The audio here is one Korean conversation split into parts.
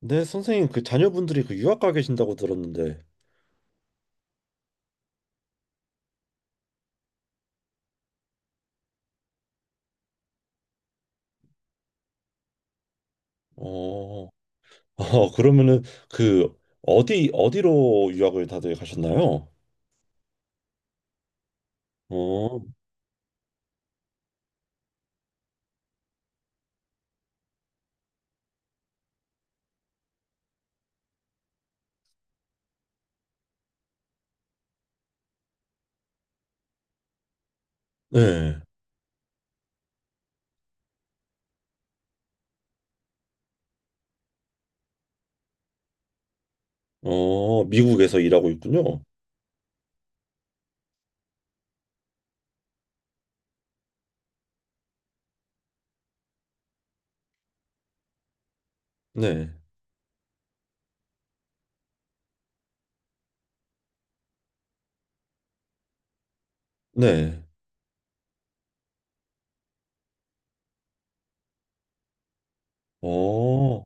네, 선생님, 그 자녀분들이 그 유학 가 계신다고 들었는데, 어, 아, 그러면은 그 어디 어디로 유학을 다들 가셨나요? 어, 네, 어, 미국에서 일하고 있군요. 네, 네, 어,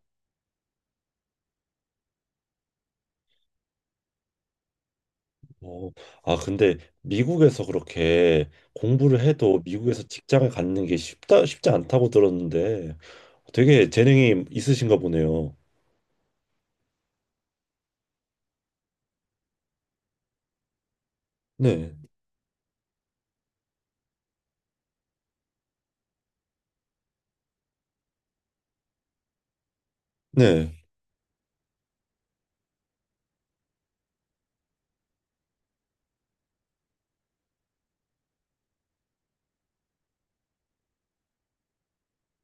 어, 아, 근데 미국에서 그렇게 공부를 해도 미국에서 직장을 갖는 게 쉽다 쉽지 않다고 들었는데, 되게 재능이 있으신가 보네요. 네, 네,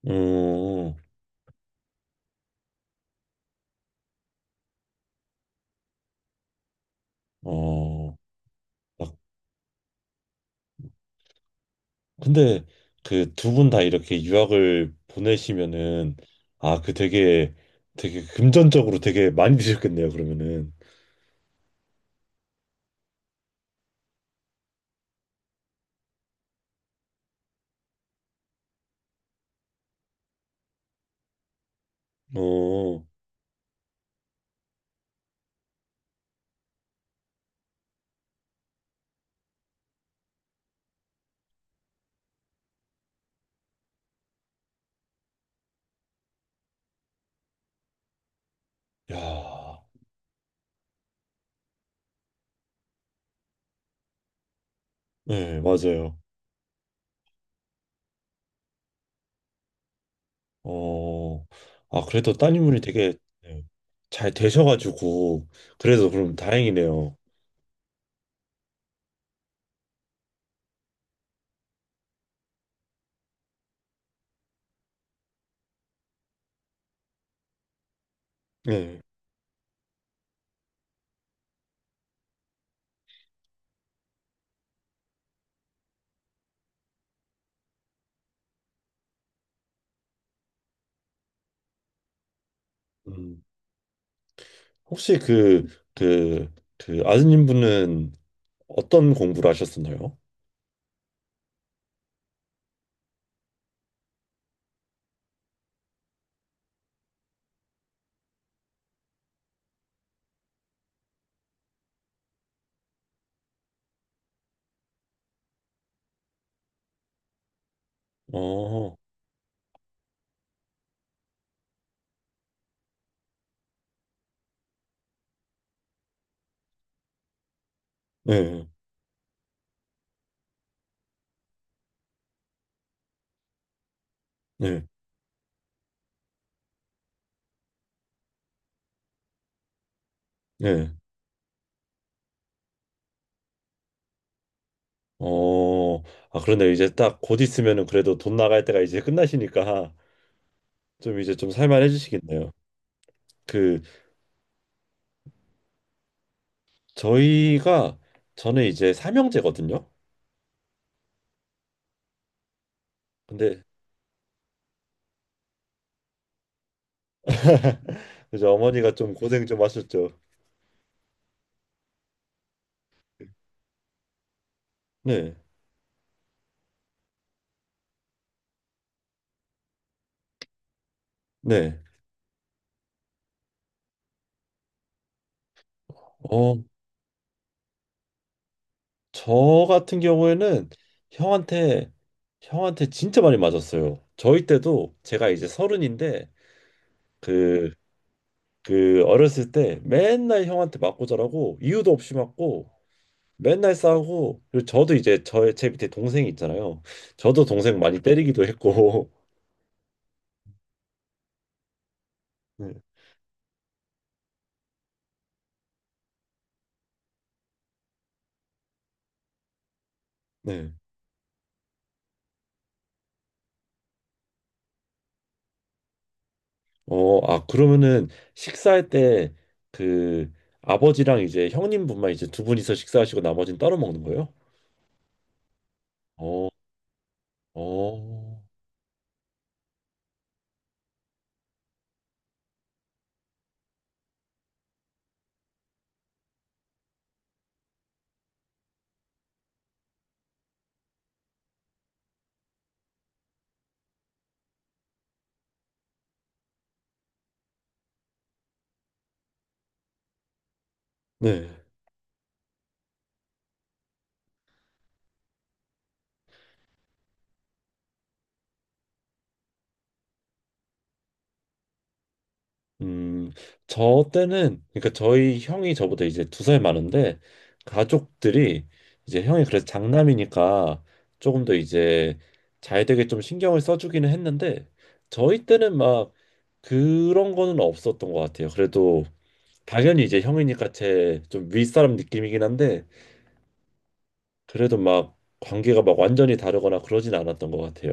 음, 어. 아, 근데 그 두 분 다 이렇게 유학을 보내시면은 아, 그 되게 되게 금전적으로 되게 많이 드셨겠네요, 그러면은. 어, 야, 네, 맞아요. 어, 아, 그래도 따님분이 되게 네, 잘 되셔가지고, 그래도 그럼 다행이네요. 네. 음, 혹시 그, 그, 그 아드님 분은 어떤 공부를 하셨었나요? 어, 네, 네, 네. 어, 아, 그런데 이제 딱 곧 있으면은 그래도 돈 나갈 때가 이제 끝나시니까 좀 이제 좀 살만해지시겠네요. 그 저희가 저는 이제 삼형제거든요. 근데 이제 어머니가 좀 고생 좀 하셨죠. 네, 네. 어, 저 같은 경우에는 형한테 형한테 진짜 많이 맞았어요. 저희 때도 제가 이제 서른인데 그 그 어렸을 때 맨날 형한테 맞고 자라고 이유도 없이 맞고 맨날 싸우고, 그리고 저도 이제 저의 제 밑에 동생이 있잖아요. 저도 동생 많이 때리기도 했고. 네. 네. 어, 아 그러면은 식사할 때 그 아버지랑 이제 형님분만 이제 두 분이서 식사하시고 나머지는 따로 먹는 거예요? 어, 어. 네. 음, 저 때는, 그러니까 저희 형이 저보다 이제 두 살 많은데, 가족들이 이제 형이 그래서 장남이니까 조금 더 이제 잘 되게 좀 신경을 써주기는 했는데, 저희 때는 막 그런 거는 없었던 것 같아요. 그래도 당연히 이제 형이니까 제 좀 윗사람 느낌이긴 한데, 그래도 막 관계가 막 완전히 다르거나 그러진 않았던 것 같아요.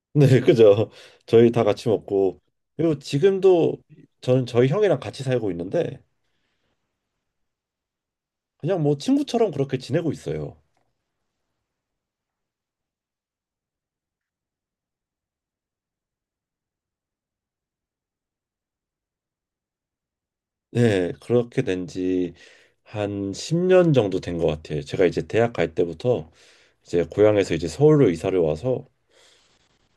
네, 그죠. 저희 다 같이 먹고, 그리고 지금도 저는 저희 형이랑 같이 살고 있는데, 그냥 뭐 친구처럼 그렇게 지내고 있어요. 네, 그렇게 된지 한 10년 정도 된 것 같아요. 제가 이제 대학 갈 때부터 이제 고향에서 이제 서울로 이사를 와서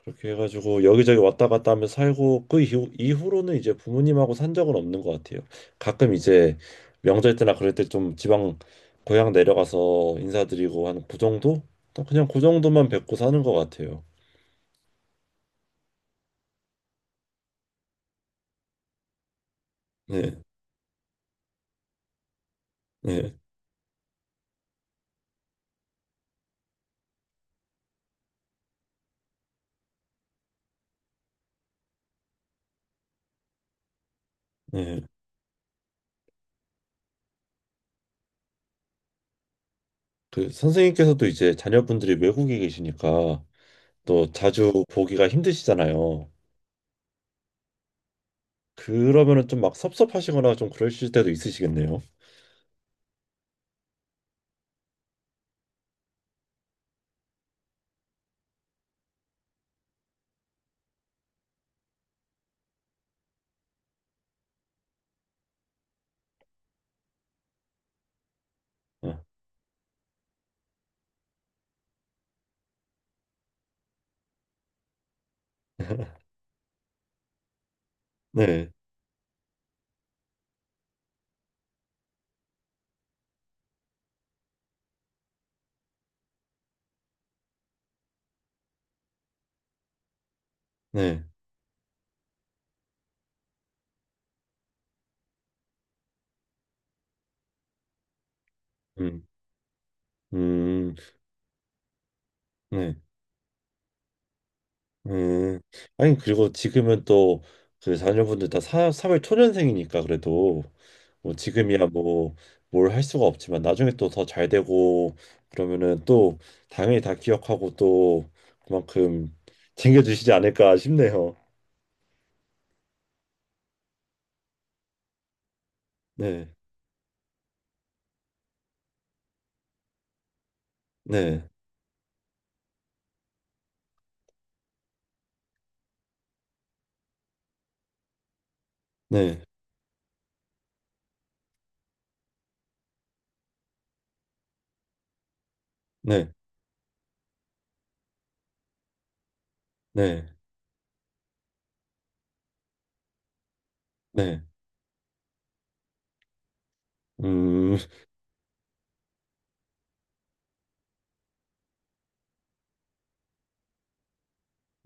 그렇게 해가지고 여기저기 왔다 갔다 하며 살고 그 이후로는 이제 부모님하고 산 적은 없는 것 같아요. 가끔 이제 명절 때나 그럴 때 좀 지방 고향 내려가서 인사드리고 한 그 정도? 또 그냥 그 정도만 뵙고 사는 것 같아요. 네, 네, 네. 그 선생님께서도 이제 자녀분들이 외국에 계시니까 또 자주 보기가 힘드시잖아요. 그러면은 좀 막 섭섭하시거나 좀 그러실 때도 있으시겠네요. 어. 네, 네, 음, 음, 네, 음. 아니, 그리고 지금은 또 그 자녀분들 다 사회 초년생이니까 그래도 뭐 지금이야 뭐 뭘 할 수가 없지만 나중에 또 더 잘 되고 그러면은 또 당연히 다 기억하고 또 그만큼 챙겨주시지 않을까 싶네요. 네, 네, 네, 네, 네. 네, 음,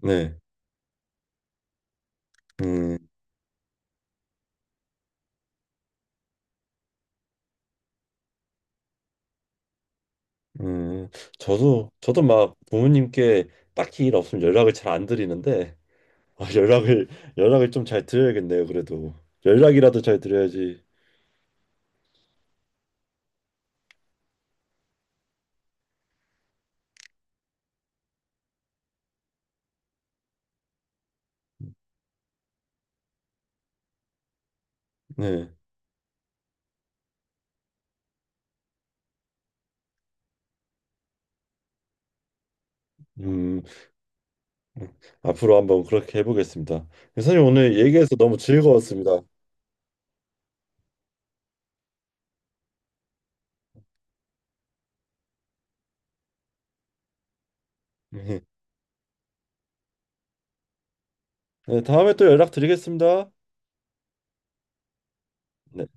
네, 음, 음, 저도 막 부모님께 딱히 일 없으면 연락을 잘 안 드리는데 아, 연락을 좀 잘 드려야겠네요. 그래도 연락이라도 잘 드려야지. 네, 음, 음. 앞으로 한번 그렇게 해보겠습니다. 선생님 오늘 얘기해서 너무 즐거웠습니다. 네, 다음에 또 연락드리겠습니다. 네.